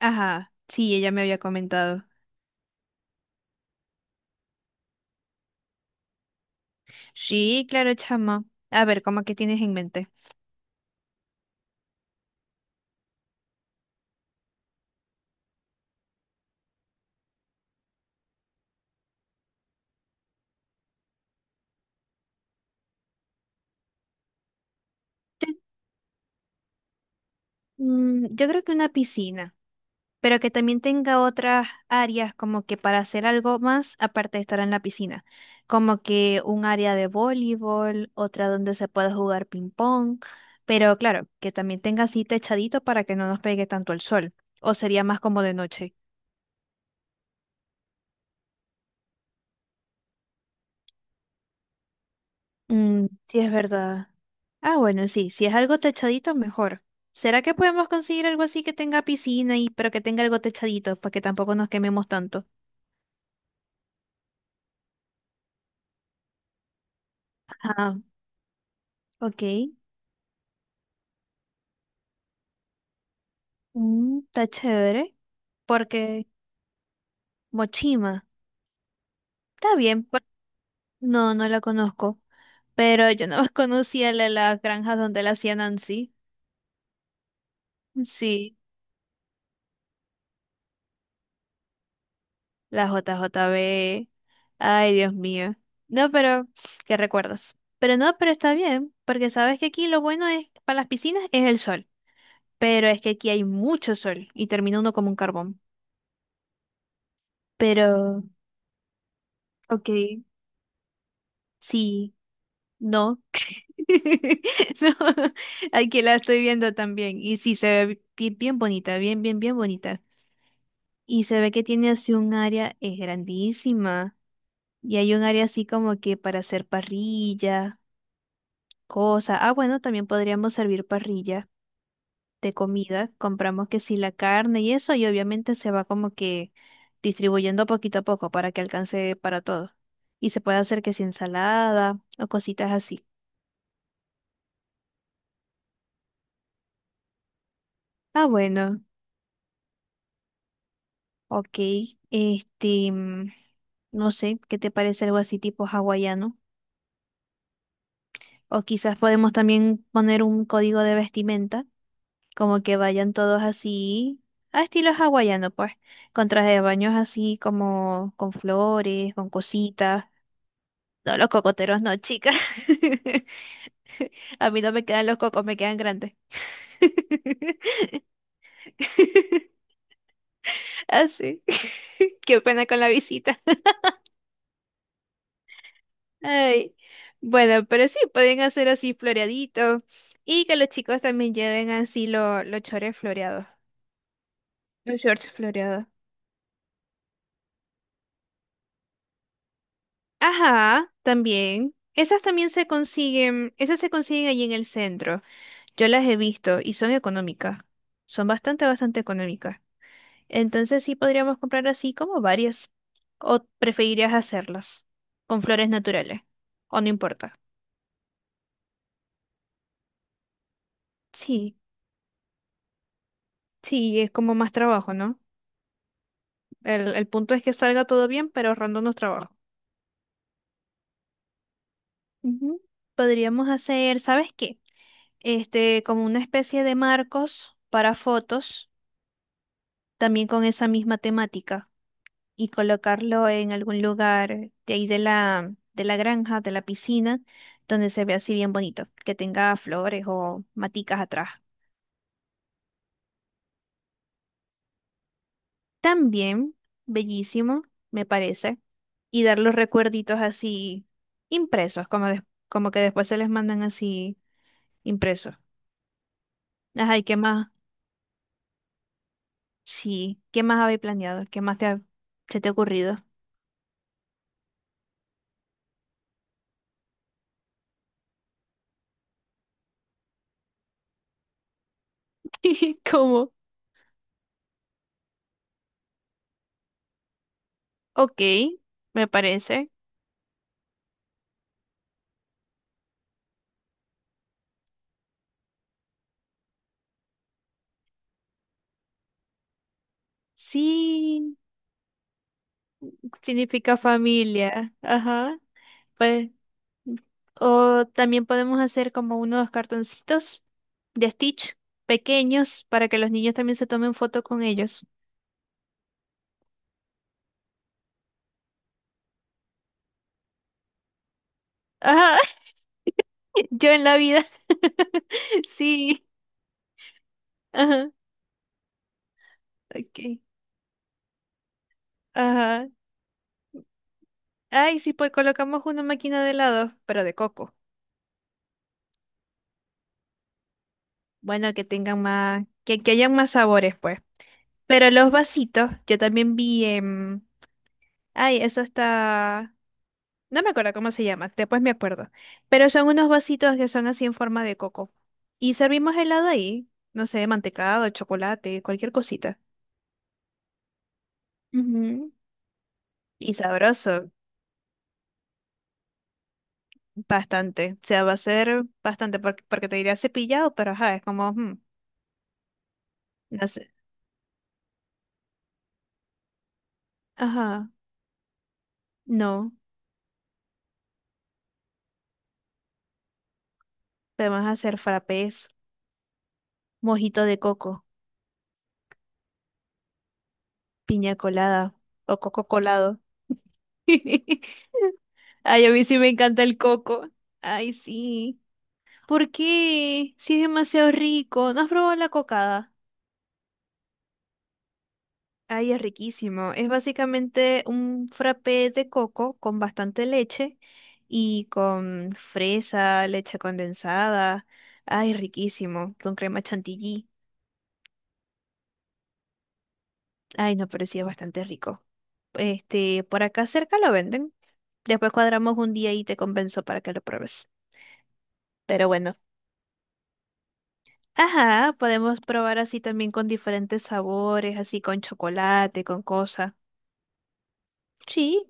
Ajá, sí, ella me había comentado. Sí, claro, chama. A ver, ¿cómo que tienes en mente? Mm, yo creo que una piscina, pero que también tenga otras áreas como que para hacer algo más aparte de estar en la piscina, como que un área de voleibol, otra donde se pueda jugar ping pong, pero claro, que también tenga así techadito para que no nos pegue tanto el sol, o sería más como de noche. Mm, sí, es verdad. Ah, bueno, sí, si es algo techadito, mejor. ¿Será que podemos conseguir algo así que tenga piscina y pero que tenga algo techadito para que tampoco nos quememos tanto? Ah, ok. Mm, está chévere. Porque Mochima, está bien. No, no la conozco. Pero yo no conocía las granjas donde la hacía Nancy. Sí, la J J B. Ay, Dios mío. No, pero, ¿qué recuerdas? Pero no, pero está bien, porque sabes que aquí lo bueno es para las piscinas es el sol. Pero es que aquí hay mucho sol y termina uno como un carbón. Pero, ok, sí, no. No, aquí la estoy viendo también. Y sí, se ve bien, bien bonita, bien, bien, bien bonita. Y se ve que tiene así un área, es grandísima. Y hay un área así como que para hacer parrilla, cosas. Ah, bueno, también podríamos servir parrilla. De comida, compramos que sí la carne y eso, y obviamente se va como que distribuyendo poquito a poco para que alcance para todos. Y se puede hacer que sí ensalada o cositas así. Ah, bueno, ok. Este, mm, no sé, ¿qué te parece algo así tipo hawaiano? O quizás podemos también poner un código de vestimenta, como que vayan todos así, a estilo hawaiano, pues, con trajes de baños así como con flores, con cositas. No, los cocoteros no, chica. A mí no me quedan los cocos, me quedan grandes. Así. Qué pena con la visita. Ay. Bueno, pero sí, pueden hacer así floreadito. Y que los chicos también lleven así los chores floreados. Los shorts floreados. Ajá, también. Esas también se consiguen, esas se consiguen allí en el centro. Yo las he visto y son económicas. Son bastante, bastante económicas. Entonces sí podríamos comprar así como varias. ¿O preferirías hacerlas con flores naturales? ¿O no importa? Sí, sí, es como más trabajo, ¿no? El punto es que salga todo bien, pero ahorrándonos trabajo. Ujú. Podríamos hacer, ¿sabes qué? Este, como una especie de marcos para fotos, también con esa misma temática. Y colocarlo en algún lugar de ahí de la granja, de la piscina, donde se vea así bien bonito, que tenga flores o maticas atrás. También, bellísimo, me parece, y dar los recuerditos así impresos, como que después se les mandan así impresos. Ajá, ¿y qué más? Sí, ¿qué más habéis planeado? ¿Qué más te ha- ¿Se te ha ocurrido? ¿Cómo? Ok, me parece. Sí, significa familia. Ajá. Pues, o también podemos hacer como unos cartoncitos de Stitch pequeños para que los niños también se tomen foto con ellos. Ajá, yo en la vida. Sí, ajá, ok, ajá. Ay, sí, pues colocamos una máquina de helado, pero de coco. Bueno, que tengan más, que hayan más sabores, pues. Pero los vasitos, yo también vi en... Ay, eso está... No me acuerdo cómo se llama, después me acuerdo. Pero son unos vasitos que son así en forma de coco. Y servimos helado ahí, no sé, mantecado, chocolate, cualquier cosita. Ujú. Y sabroso, bastante. O sea, va a ser bastante, porque te diría cepillado, pero ajá, es como, no sé. Ajá, no. Podemos hacer frappés, mojito de coco, piña colada o coco colado. Ay, a mí sí me encanta el coco. Ay, sí. ¿Por qué? Si es demasiado rico. ¿No has probado la cocada? Ay, es riquísimo. Es básicamente un frappé de coco con bastante leche y con fresa, leche condensada. Ay, riquísimo. Con crema chantilly. Ay, no, pero sí es bastante rico. Este, por acá cerca lo venden. Después cuadramos un día y te compenso para que lo pruebes. Pero bueno. Ajá, podemos probar así también con diferentes sabores, así con chocolate, con cosas. Sí,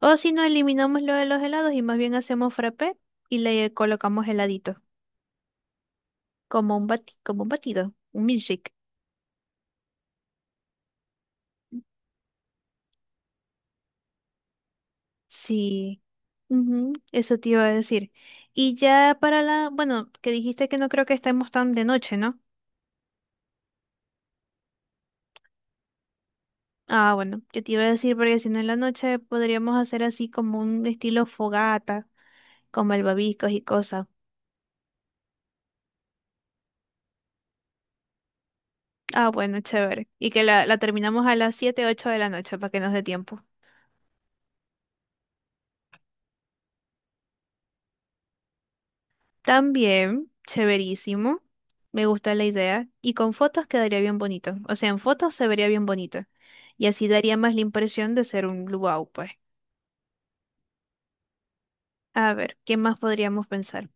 o si no eliminamos lo de los helados y más bien hacemos frappé y le colocamos heladito, como un batido, un milkshake. Sí, ujú, eso te iba a decir. Y ya para la, bueno, que dijiste que no creo que estemos tan de noche, ¿no? Ah, bueno, yo te iba a decir porque si no en la noche podríamos hacer así como un estilo fogata, como albabicos y cosas. Ah, bueno, chévere. Y que la terminamos a las 7 8 de la noche para que nos dé tiempo. También, severísimo. Me gusta la idea. Y con fotos quedaría bien bonito. O sea, en fotos se vería bien bonito. Y así daría más la impresión de ser un luau, pues. A ver, ¿qué más podríamos pensar?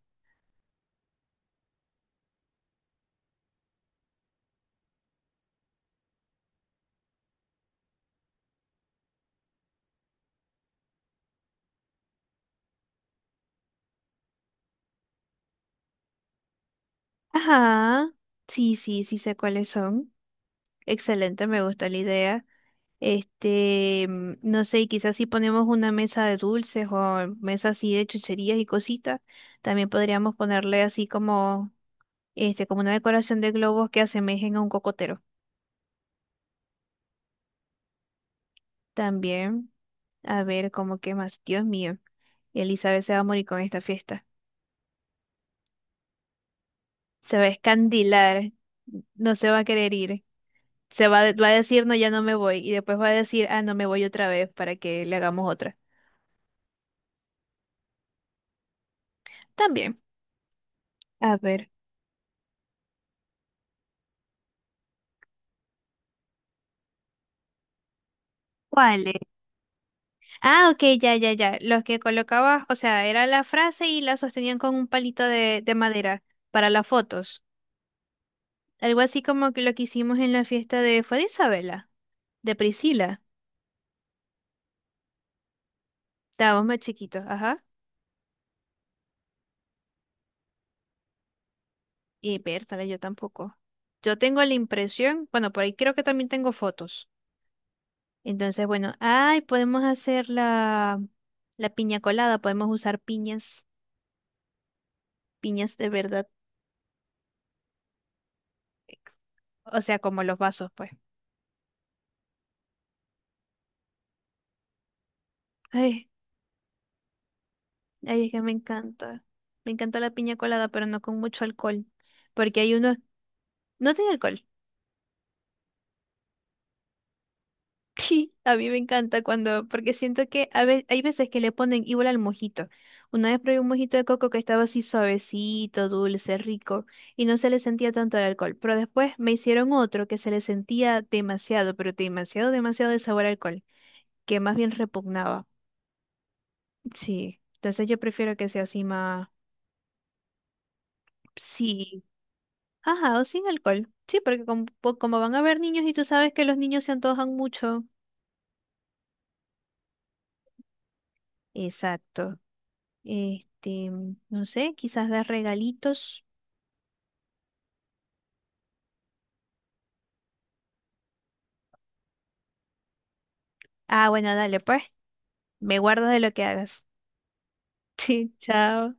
Ajá. Sí, sí, sí sé cuáles son. Excelente, me gusta la idea. Este, mm, no sé, y quizás si ponemos una mesa de dulces o mesa así de chucherías y cositas, también podríamos ponerle así como, este, como una decoración de globos que asemejen a un cocotero. También. A ver, ¿cómo qué más? Dios mío. Elizabeth se va a morir con esta fiesta. Se va a escandilar. No se va a querer ir. Va a decir, no, ya no me voy. Y después va a decir, ah, no me voy otra vez para que le hagamos otra. También. A ver. ¿Cuáles? Ah, ok, ya, ya, ya. Los que colocabas, o sea, era la frase y la sostenían con un palito de madera para las fotos. Algo así como que lo que hicimos en la fiesta de, fue de Isabela, de Priscila. Estábamos más chiquitos, ajá. Y Bertale, yo tampoco. Yo tengo la impresión, bueno, por ahí creo que también tengo fotos. Entonces, bueno, ay, podemos hacer la piña colada, podemos usar piñas, piñas de verdad. O sea, como los vasos, pues. Ay, ay, es que me encanta. Me encanta la piña colada, pero no con mucho alcohol. Porque hay unos, no tiene alcohol. Sí, a mí me encanta cuando, porque siento que hay veces que le ponen igual al mojito. Una vez probé un mojito de coco que estaba así suavecito, dulce, rico, y no se le sentía tanto el alcohol. Pero después me hicieron otro que se le sentía demasiado, pero demasiado, demasiado el sabor a alcohol, que más bien repugnaba. Sí, entonces yo prefiero que sea así más, sí, ajá, o sin alcohol. Sí, porque como, como van a haber niños y tú sabes que los niños se antojan mucho. Exacto. Este, no sé, quizás dar regalitos. Ah, bueno, dale, pues. Me guardo de lo que hagas. Sí, chao.